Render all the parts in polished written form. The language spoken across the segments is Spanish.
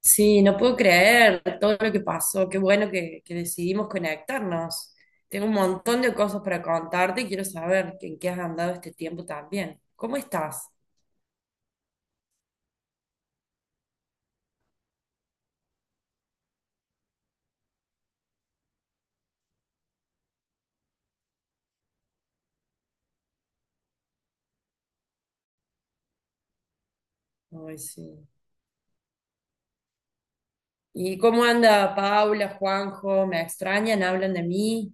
Sí, no puedo creer todo lo que pasó. Qué bueno que decidimos conectarnos. Tengo un montón de cosas para contarte y quiero saber en qué has andado este tiempo también. ¿Cómo estás? Ay, sí. ¿Y cómo anda Paula, Juanjo? ¿Me extrañan? ¿Hablan de mí?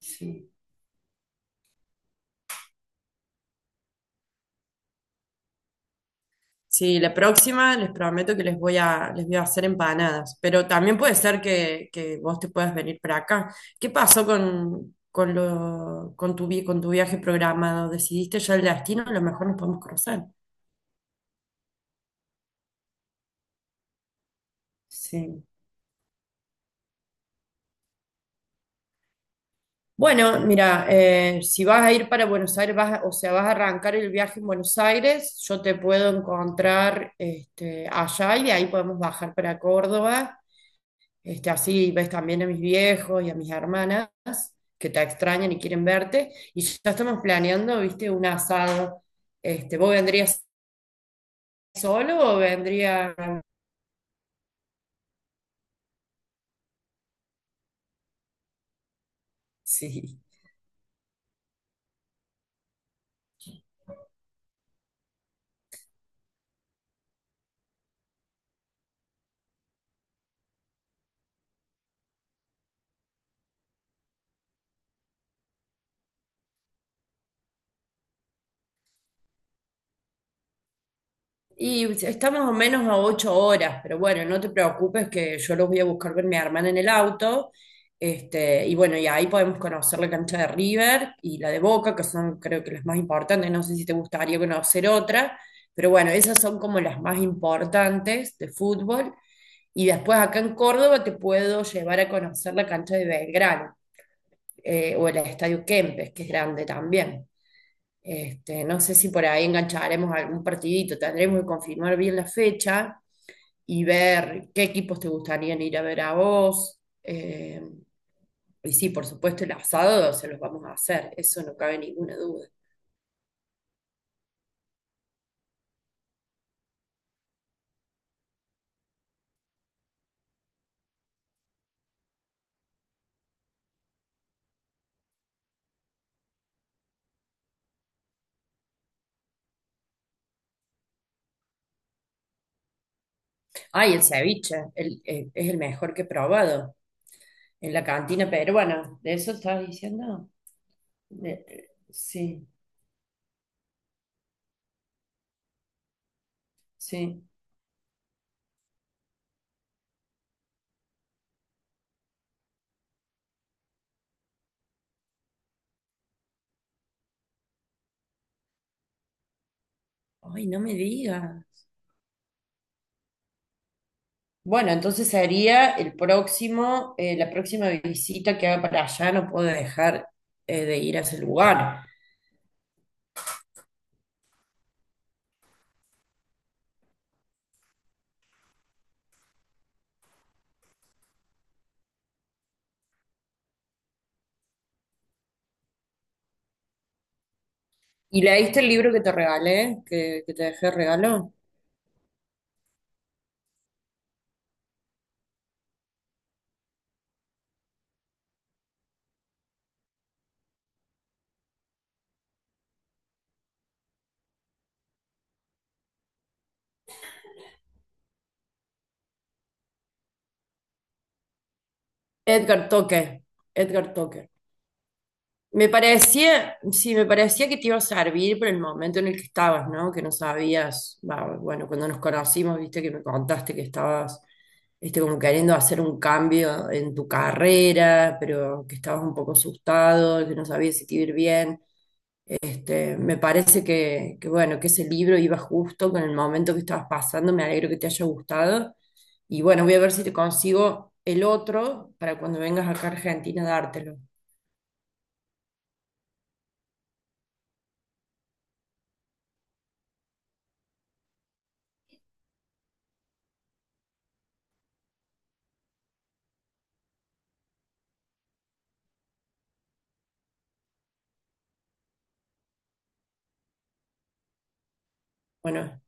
Sí. Sí, la próxima les prometo que les voy a hacer empanadas, pero también puede ser que vos te puedas venir para acá. ¿Qué pasó con, lo, con, tu, vi- con tu viaje programado? ¿Decidiste ya el destino? A lo mejor nos podemos cruzar. Sí. Bueno, mira, si vas a ir para Buenos Aires, o sea, vas a arrancar el viaje en Buenos Aires, yo te puedo encontrar este, allá y de ahí podemos bajar para Córdoba. Este, así ves también a mis viejos y a mis hermanas que te extrañan y quieren verte. Y ya estamos planeando, viste, un asado. Este, ¿vos vendrías solo o vendría? Sí. Y está más o menos a 8 horas, pero bueno, no te preocupes que yo los voy a buscar con mi hermana en el auto. Este, y bueno, y ahí podemos conocer la cancha de River y la de Boca, que son creo que las más importantes. No sé si te gustaría conocer otra, pero bueno, esas son como las más importantes de fútbol. Y después acá en Córdoba te puedo llevar a conocer la cancha de Belgrano, o el Estadio Kempes, que es grande también. Este, no sé si por ahí engancharemos algún partidito, tendremos que confirmar bien la fecha y ver qué equipos te gustarían ir a ver a vos. Y sí, por supuesto, el asado se los vamos a hacer, eso no cabe ninguna duda. Ay, el ceviche, es el mejor que he probado en la cantina peruana, ¿de eso estabas diciendo? Sí. Sí. Ay, no me digas. Bueno, entonces sería el próximo, la próxima visita que haga para allá, no puedo dejar de ir a ese lugar. ¿Y leíste el libro que te regalé, que te dejé regalo? Edgar Toque, Edgar Toque. Me parecía, sí, me parecía que te iba a servir por el momento en el que estabas, ¿no? Que no sabías, va, bueno, cuando nos conocimos, viste que me contaste que estabas, este, como queriendo hacer un cambio en tu carrera, pero que estabas un poco asustado, que no sabías si te iba a ir bien. Este, me parece bueno, que ese libro iba justo con el momento que estabas pasando, me alegro que te haya gustado. Y bueno, voy a ver si te consigo el otro para cuando vengas acá a Argentina dártelo. Bueno.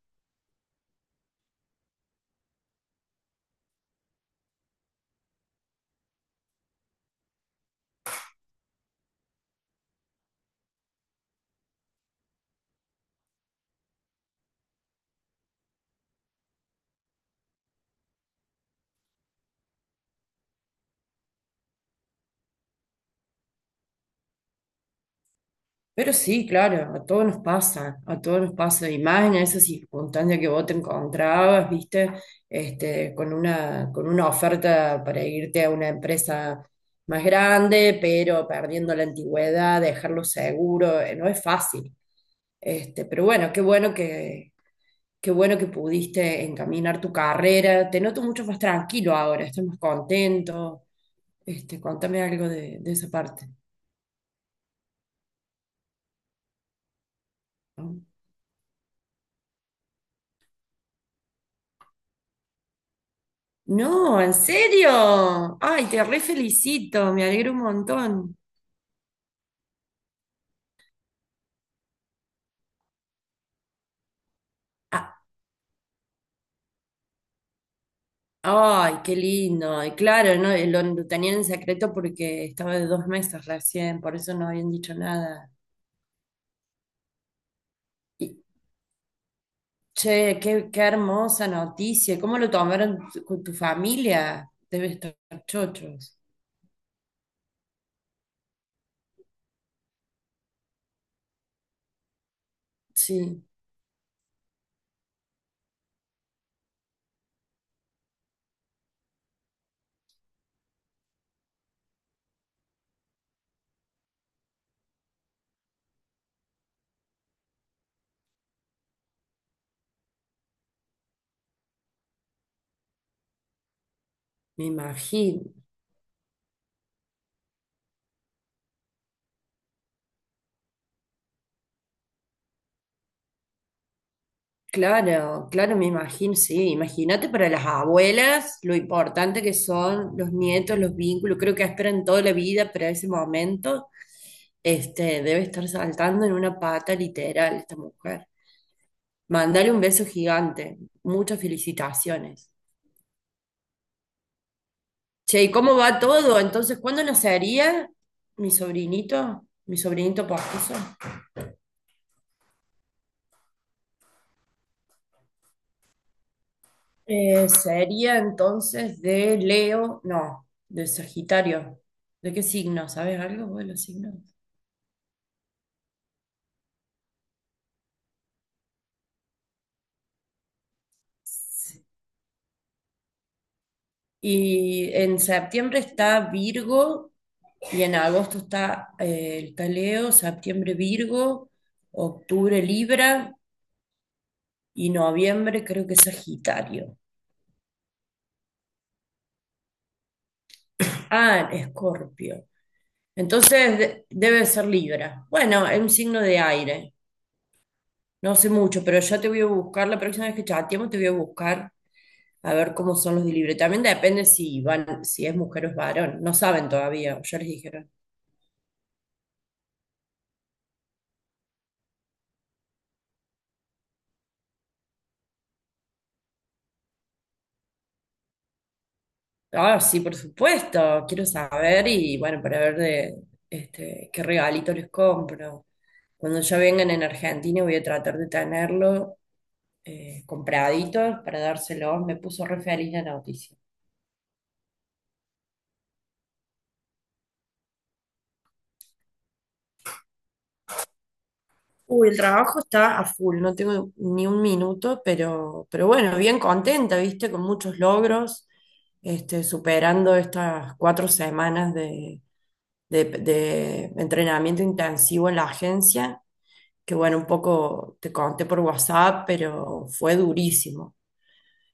Pero sí, claro, a todos nos pasa, a todos nos pasa, y más en esa circunstancia que vos te encontrabas, viste, este, con una oferta para irte a una empresa más grande, pero perdiendo la antigüedad, dejarlo seguro, no es fácil. Este, pero bueno, qué bueno que pudiste encaminar tu carrera. Te noto mucho más tranquilo ahora, estás más contento. Este, contame algo de esa parte, ¿no? No, ¿en serio? Ay, te re felicito, me alegro un montón. Ah, ay, qué lindo. Y claro, no, lo tenían en secreto porque estaba de 2 meses recién, por eso no habían dicho nada. Y, che, qué hermosa noticia. ¿Cómo lo tomaron con tu familia? Debe estar chochos. Sí, me imagino. Claro, claro, me imagino, sí. Imagínate para las abuelas lo importante que son los nietos, los vínculos. Creo que esperan toda la vida para ese momento. Este, debe estar saltando en una pata literal esta mujer. Mandale un beso gigante. Muchas felicitaciones. Che, ¿y cómo va todo? Entonces, ¿cuándo nacería mi sobrinito? Mi sobrinito postizo. Sería entonces de Leo, no, de Sagitario. ¿De qué signo? ¿Sabes algo vos de los signos? Sí. Y en septiembre está Virgo y en agosto está el Leo. Septiembre Virgo, octubre Libra y noviembre creo que Sagitario. Ah, Escorpio. Entonces debe ser Libra. Bueno, es un signo de aire. No sé mucho, pero ya te voy a buscar, la próxima vez que chateemos te voy a buscar a ver cómo son los de libre. También depende si van, si es mujer o es varón. No saben todavía, ya les dijeron. Ah, sí, por supuesto, quiero saber y bueno, para ver de este, qué regalito les compro. Cuando ya vengan en Argentina voy a tratar de tenerlo compraditos para dárselos. Me puso re feliz la noticia. Uy, el trabajo está a full, no tengo ni un minuto, pero bueno, bien contenta, viste, con muchos logros, este, superando estas 4 semanas de entrenamiento intensivo en la agencia, que bueno, un poco te conté por WhatsApp, pero fue durísimo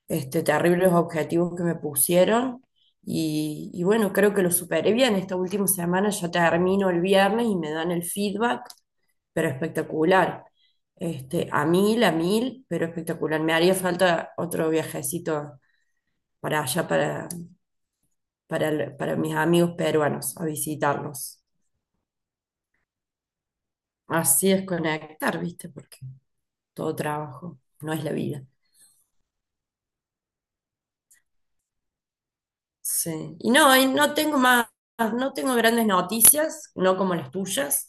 este, terribles objetivos que me pusieron. Y bueno, creo que lo superé bien. Esta última semana ya termino el viernes y me dan el feedback, pero espectacular. Este, a mil, pero espectacular. Me haría falta otro viajecito para allá, para mis amigos peruanos, a visitarlos. Así es conectar, ¿viste? Porque todo trabajo no es la vida. Sí. Y no tengo más, no tengo grandes noticias, no como las tuyas.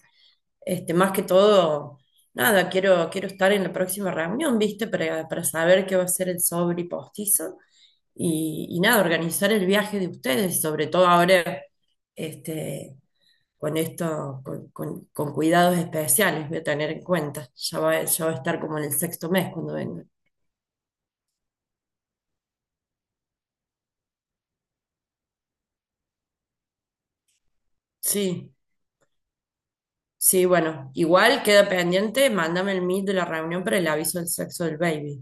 Este, más que todo, nada, quiero estar en la próxima reunión, ¿viste? Para saber qué va a ser el sobre y postizo. Y nada, organizar el viaje de ustedes, sobre todo ahora, este, con esto, con cuidados especiales, voy a tener en cuenta. Ya va a estar como en el sexto mes cuando venga. Sí. Sí, bueno, igual queda pendiente, mándame el meet de la reunión para el aviso del sexo del baby.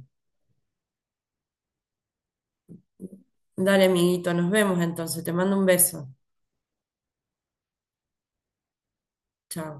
Dale, amiguito, nos vemos entonces, te mando un beso. Chao.